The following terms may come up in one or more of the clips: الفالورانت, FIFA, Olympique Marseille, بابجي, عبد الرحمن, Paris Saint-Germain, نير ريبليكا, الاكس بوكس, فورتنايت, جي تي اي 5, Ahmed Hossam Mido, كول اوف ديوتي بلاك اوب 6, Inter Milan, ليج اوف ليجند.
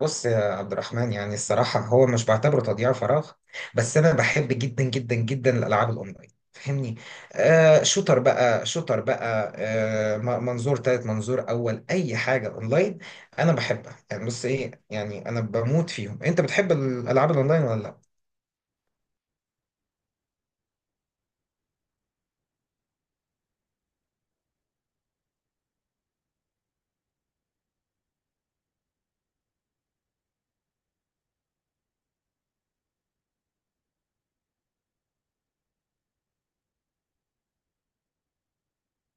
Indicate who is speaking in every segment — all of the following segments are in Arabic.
Speaker 1: بص يا عبد الرحمن، يعني الصراحة هو مش بعتبره تضييع فراغ. بس أنا بحب جدا جدا جدا الألعاب الأونلاين فاهمني. آه، شوتر بقى منظور تالت منظور أول أي حاجة أونلاين أنا بحبها. يعني بص إيه، يعني أنا بموت فيهم. أنت بتحب الألعاب الأونلاين ولا لأ؟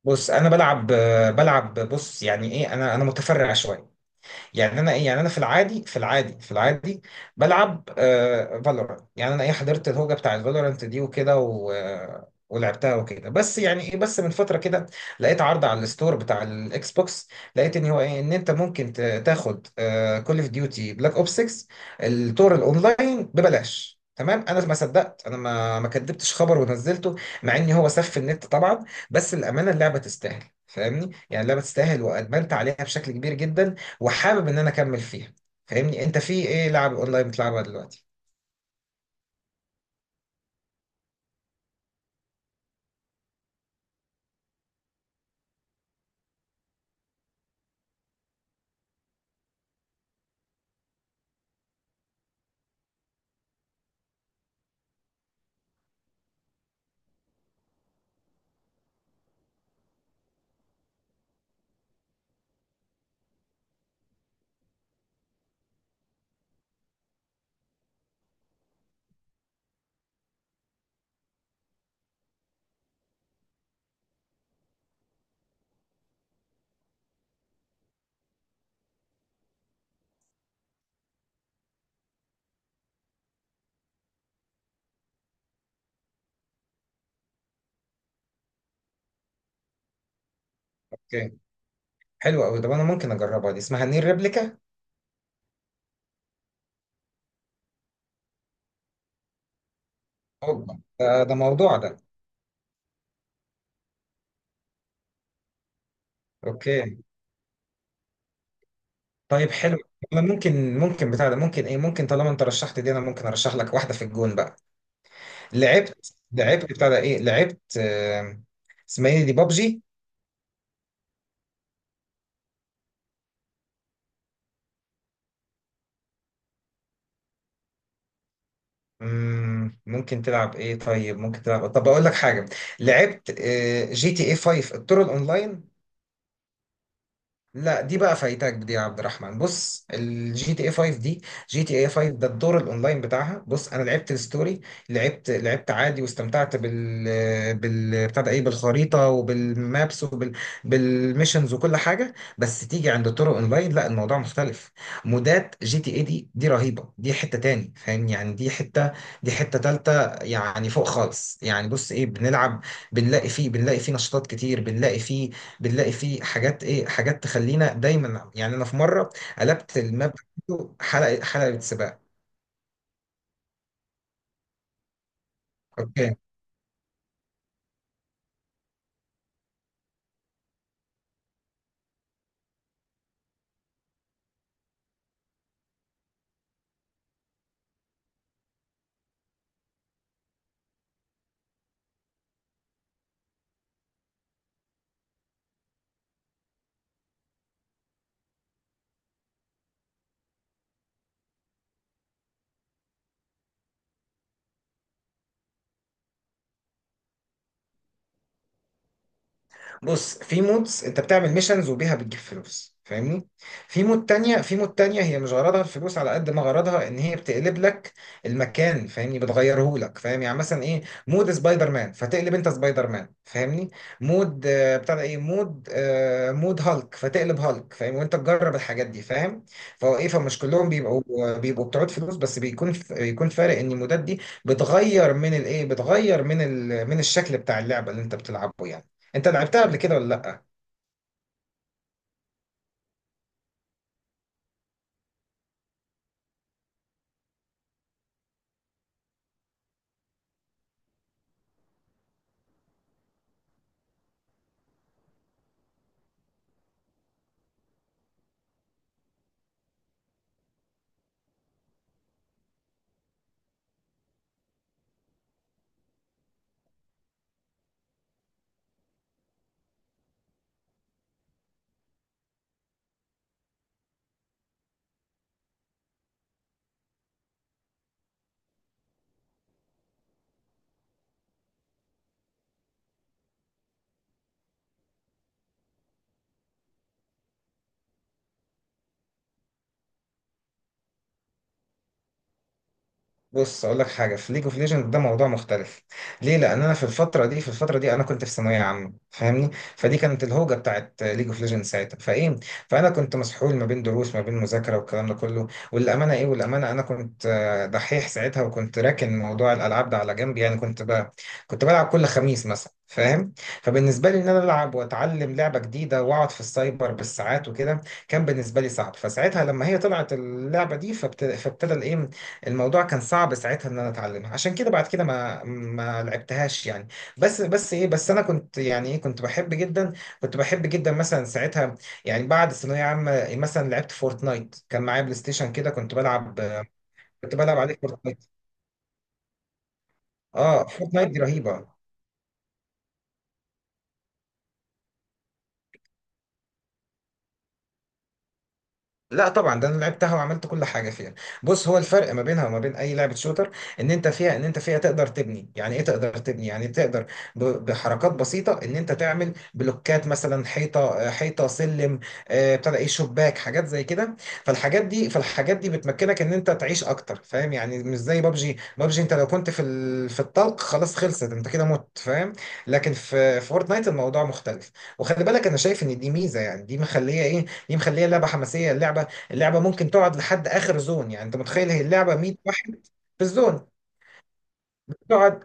Speaker 1: بص أنا بلعب، بلعب، بص يعني إيه، أنا متفرع شوية. يعني انا ايه، يعني انا في العادي بلعب آه فالورانت. يعني انا ايه، حضرت الهوجه بتاع الفالورانت دي وكده، و ولعبتها وكده. بس يعني ايه، بس من فتره كده لقيت عرض على الستور بتاع الاكس بوكس. لقيت ان هو ايه، ان انت ممكن تاخد كول اوف ديوتي بلاك اوب 6 التور الاونلاين ببلاش. تمام، انا ما صدقت، انا ما كدبتش خبر ونزلته، مع ان هو سف النت طبعا. بس الامانه اللعبه تستاهل فاهمني، يعني اللعبه تستاهل وادمنت عليها بشكل كبير جدا، وحابب ان انا اكمل فيها. فاهمني، انت في ايه لعب اونلاين بتلعبها دلوقتي؟ اوكي. حلو قوي ده، انا ممكن اجربها دي، اسمها نير ريبليكا. اوبا، ده موضوع ده. اوكي. طيب حلو. انا ممكن بتاع ده، ممكن ايه، ممكن طالما انت رشحت دي، انا ممكن ارشح لك واحده في الجون بقى. لعبت بتاع ده، ايه لعبت، اسمها ايه دي، بابجي. ممكن تلعب ايه، طيب ممكن تلعب، طب اقول لك حاجه. لعبت جي تي اي 5 الطرق الاونلاين. لا دي بقى فايتاك دي يا عبد الرحمن. بص الجي تي اي 5 دي، جي تي اي 5 ده، الدور الاونلاين بتاعها، بص انا لعبت الستوري. لعبت عادي، واستمتعت بال بال بتاع ده ايه، بالخريطه وبالمابس وبال بالميشنز وكل حاجه. بس تيجي عند الطرق اونلاين، لا الموضوع مختلف. مودات جي تي اي دي، دي رهيبه، دي حته تاني فاهم يعني، دي حته تالته. يعني فوق خالص، يعني بص ايه بنلعب، بنلاقي فيه نشاطات كتير، بنلاقي فيه حاجات، ايه حاجات تخلينا دايما. يعني انا في مره قلبت الماب بتاعته حلقه حلقه سباق. اوكي، بص في مودز انت بتعمل ميشنز وبيها بتجيب فلوس فاهمني. في مود تانية هي مش غرضها الفلوس على قد ما غرضها ان هي بتقلب لك المكان، فاهمني بتغيره لك، فاهم يعني مثلا ايه، مود سبايدر مان فتقلب انت سبايدر مان فاهمني. مود بتاع ده ايه، مود مود هالك، فتقلب هالك فاهم، وانت تجرب الحاجات دي فاهم. فهو ايه، فمش كلهم بيبقوا بتعود فلوس، بس بيكون فارق ان المودات دي بتغير من الايه، بتغير من من الشكل بتاع اللعبة اللي انت بتلعبه يعني. انت لعبتها قبل كده ولا لا؟ بص اقول لك حاجه، في ليج اوف ليجند ده موضوع مختلف. ليه؟ لان انا في الفتره دي انا كنت في ثانويه عامه فاهمني. فدي كانت الهوجه بتاعت ليج اوف ليجند ساعتها، فايه، فانا كنت مسحول ما بين دروس ما بين مذاكره والكلام ده كله. والامانه ايه، والامانه انا كنت دحيح ساعتها، وكنت راكن موضوع الالعاب ده على جنب. يعني كنت بقى كنت بلعب كل خميس مثلا فاهم. فبالنسبه لي ان انا العب واتعلم لعبه جديده واقعد في السايبر بالساعات وكده، كان بالنسبه لي صعب. فساعتها لما هي طلعت اللعبه دي، فابتدى الايه، الموضوع كان صعب ساعتها ان انا اتعلمها. عشان كده بعد كده ما لعبتهاش يعني. بس ايه، بس انا كنت يعني ايه، كنت بحب جدا، كنت بحب جدا مثلا ساعتها. يعني بعد ثانويه عامه مثلا لعبت فورتنايت، كان معايا بلاي ستيشن كده كنت بلعب، كنت بلعب عليه فورتنايت. اه فورتنايت دي رهيبه. لا طبعا، ده انا لعبتها وعملت كل حاجه فيها. بص هو الفرق ما بينها وما بين اي لعبه شوتر، ان انت فيها تقدر تبني، يعني ايه تقدر تبني، يعني تقدر بحركات بسيطه ان انت تعمل بلوكات مثلا، حيطه حيطه سلم، ابتدى ايه شباك، حاجات زي كده. فالحاجات دي بتمكنك ان انت تعيش اكتر فاهم يعني. مش زي بابجي، بابجي انت لو كنت في في الطلق خلاص خلصت، انت كده مت فاهم. لكن في فورتنايت الموضوع مختلف، وخلي بالك انا شايف ان دي ميزه، يعني دي مخليه ايه، دي مخليها اللعبه حماسيه، اللعبه ممكن تقعد لحد اخر زون. يعني انت متخيل، هي اللعبه 100 واحد في الزون تقعد.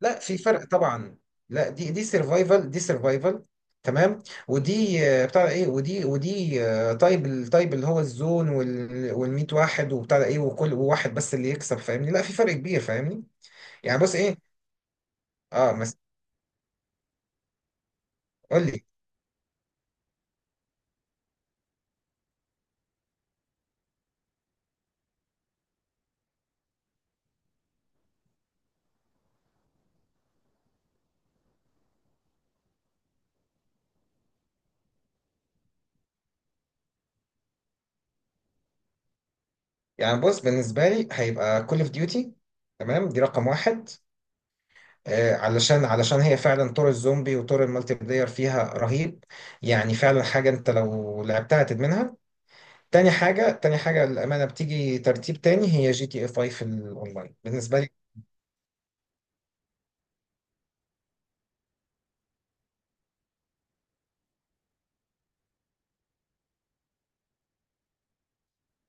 Speaker 1: لا في فرق طبعا. لا، دي سرفايفل، دي سرفايفل، تمام. ودي بتاع ده ايه، ودي طيب، الطيب اللي هو الزون وال 100 واحد وبتاع ده ايه، وكل واحد بس اللي يكسب فاهمني، لا في فرق كبير فاهمني. يعني بص ايه، اه بس قول لي. يعني بص بالنسبه لي هيبقى كول اوف ديوتي، تمام دي رقم واحد، علشان علشان هي فعلا طور الزومبي وطور المالتي بلاير فيها رهيب، يعني فعلا حاجة انت لو لعبتها تدمنها. تاني حاجة، للأمانة بتيجي ترتيب تاني، هي جي تي اي 5 في الأونلاين بالنسبة لي.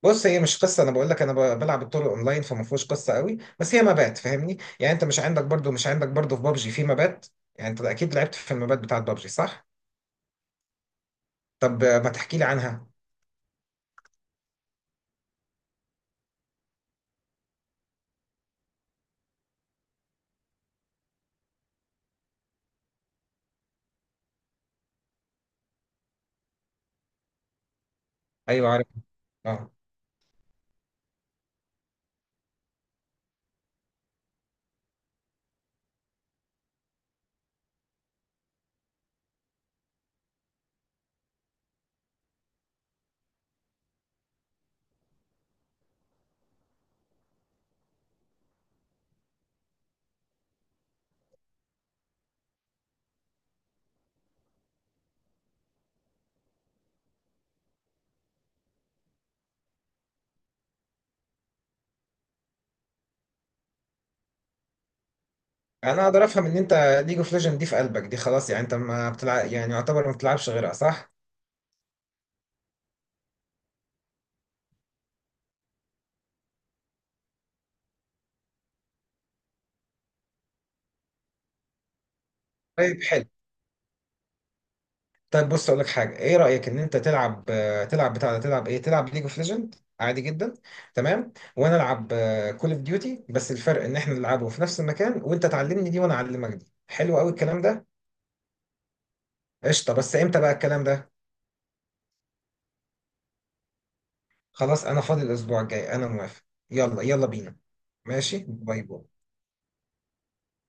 Speaker 1: بص هي مش قصة، أنا بقول لك أنا بلعب الطور الأونلاين، فما فيهوش قصة قوي بس هي مبات فاهمني. يعني أنت مش عندك برضو، في بابجي في مبات. يعني أنت أكيد لعبت في المبات بتاعت بابجي صح؟ طب ما تحكي لي عنها. أيوه عارف، أه. انا اقدر افهم ان انت ليج اوف ليجند دي في قلبك دي، خلاص يعني انت ما بتلعب، يعني يعتبر ما بتلعبش غيرها صح؟ طيب حلو. طيب بص اقول لك حاجه، ايه رايك ان انت تلعب تلعب بتاع ده، تلعب ايه، تلعب ليج اوف ليجند عادي جدا، تمام، وانا العب كول اوف ديوتي، بس الفرق ان احنا نلعبه في نفس المكان، وانت تعلمني دي وانا اعلمك دي. حلو قوي الكلام ده. قشطه، بس امتى بقى الكلام ده؟ خلاص انا فاضي الاسبوع الجاي، انا موافق، يلا يلا بينا. ماشي، باي باي.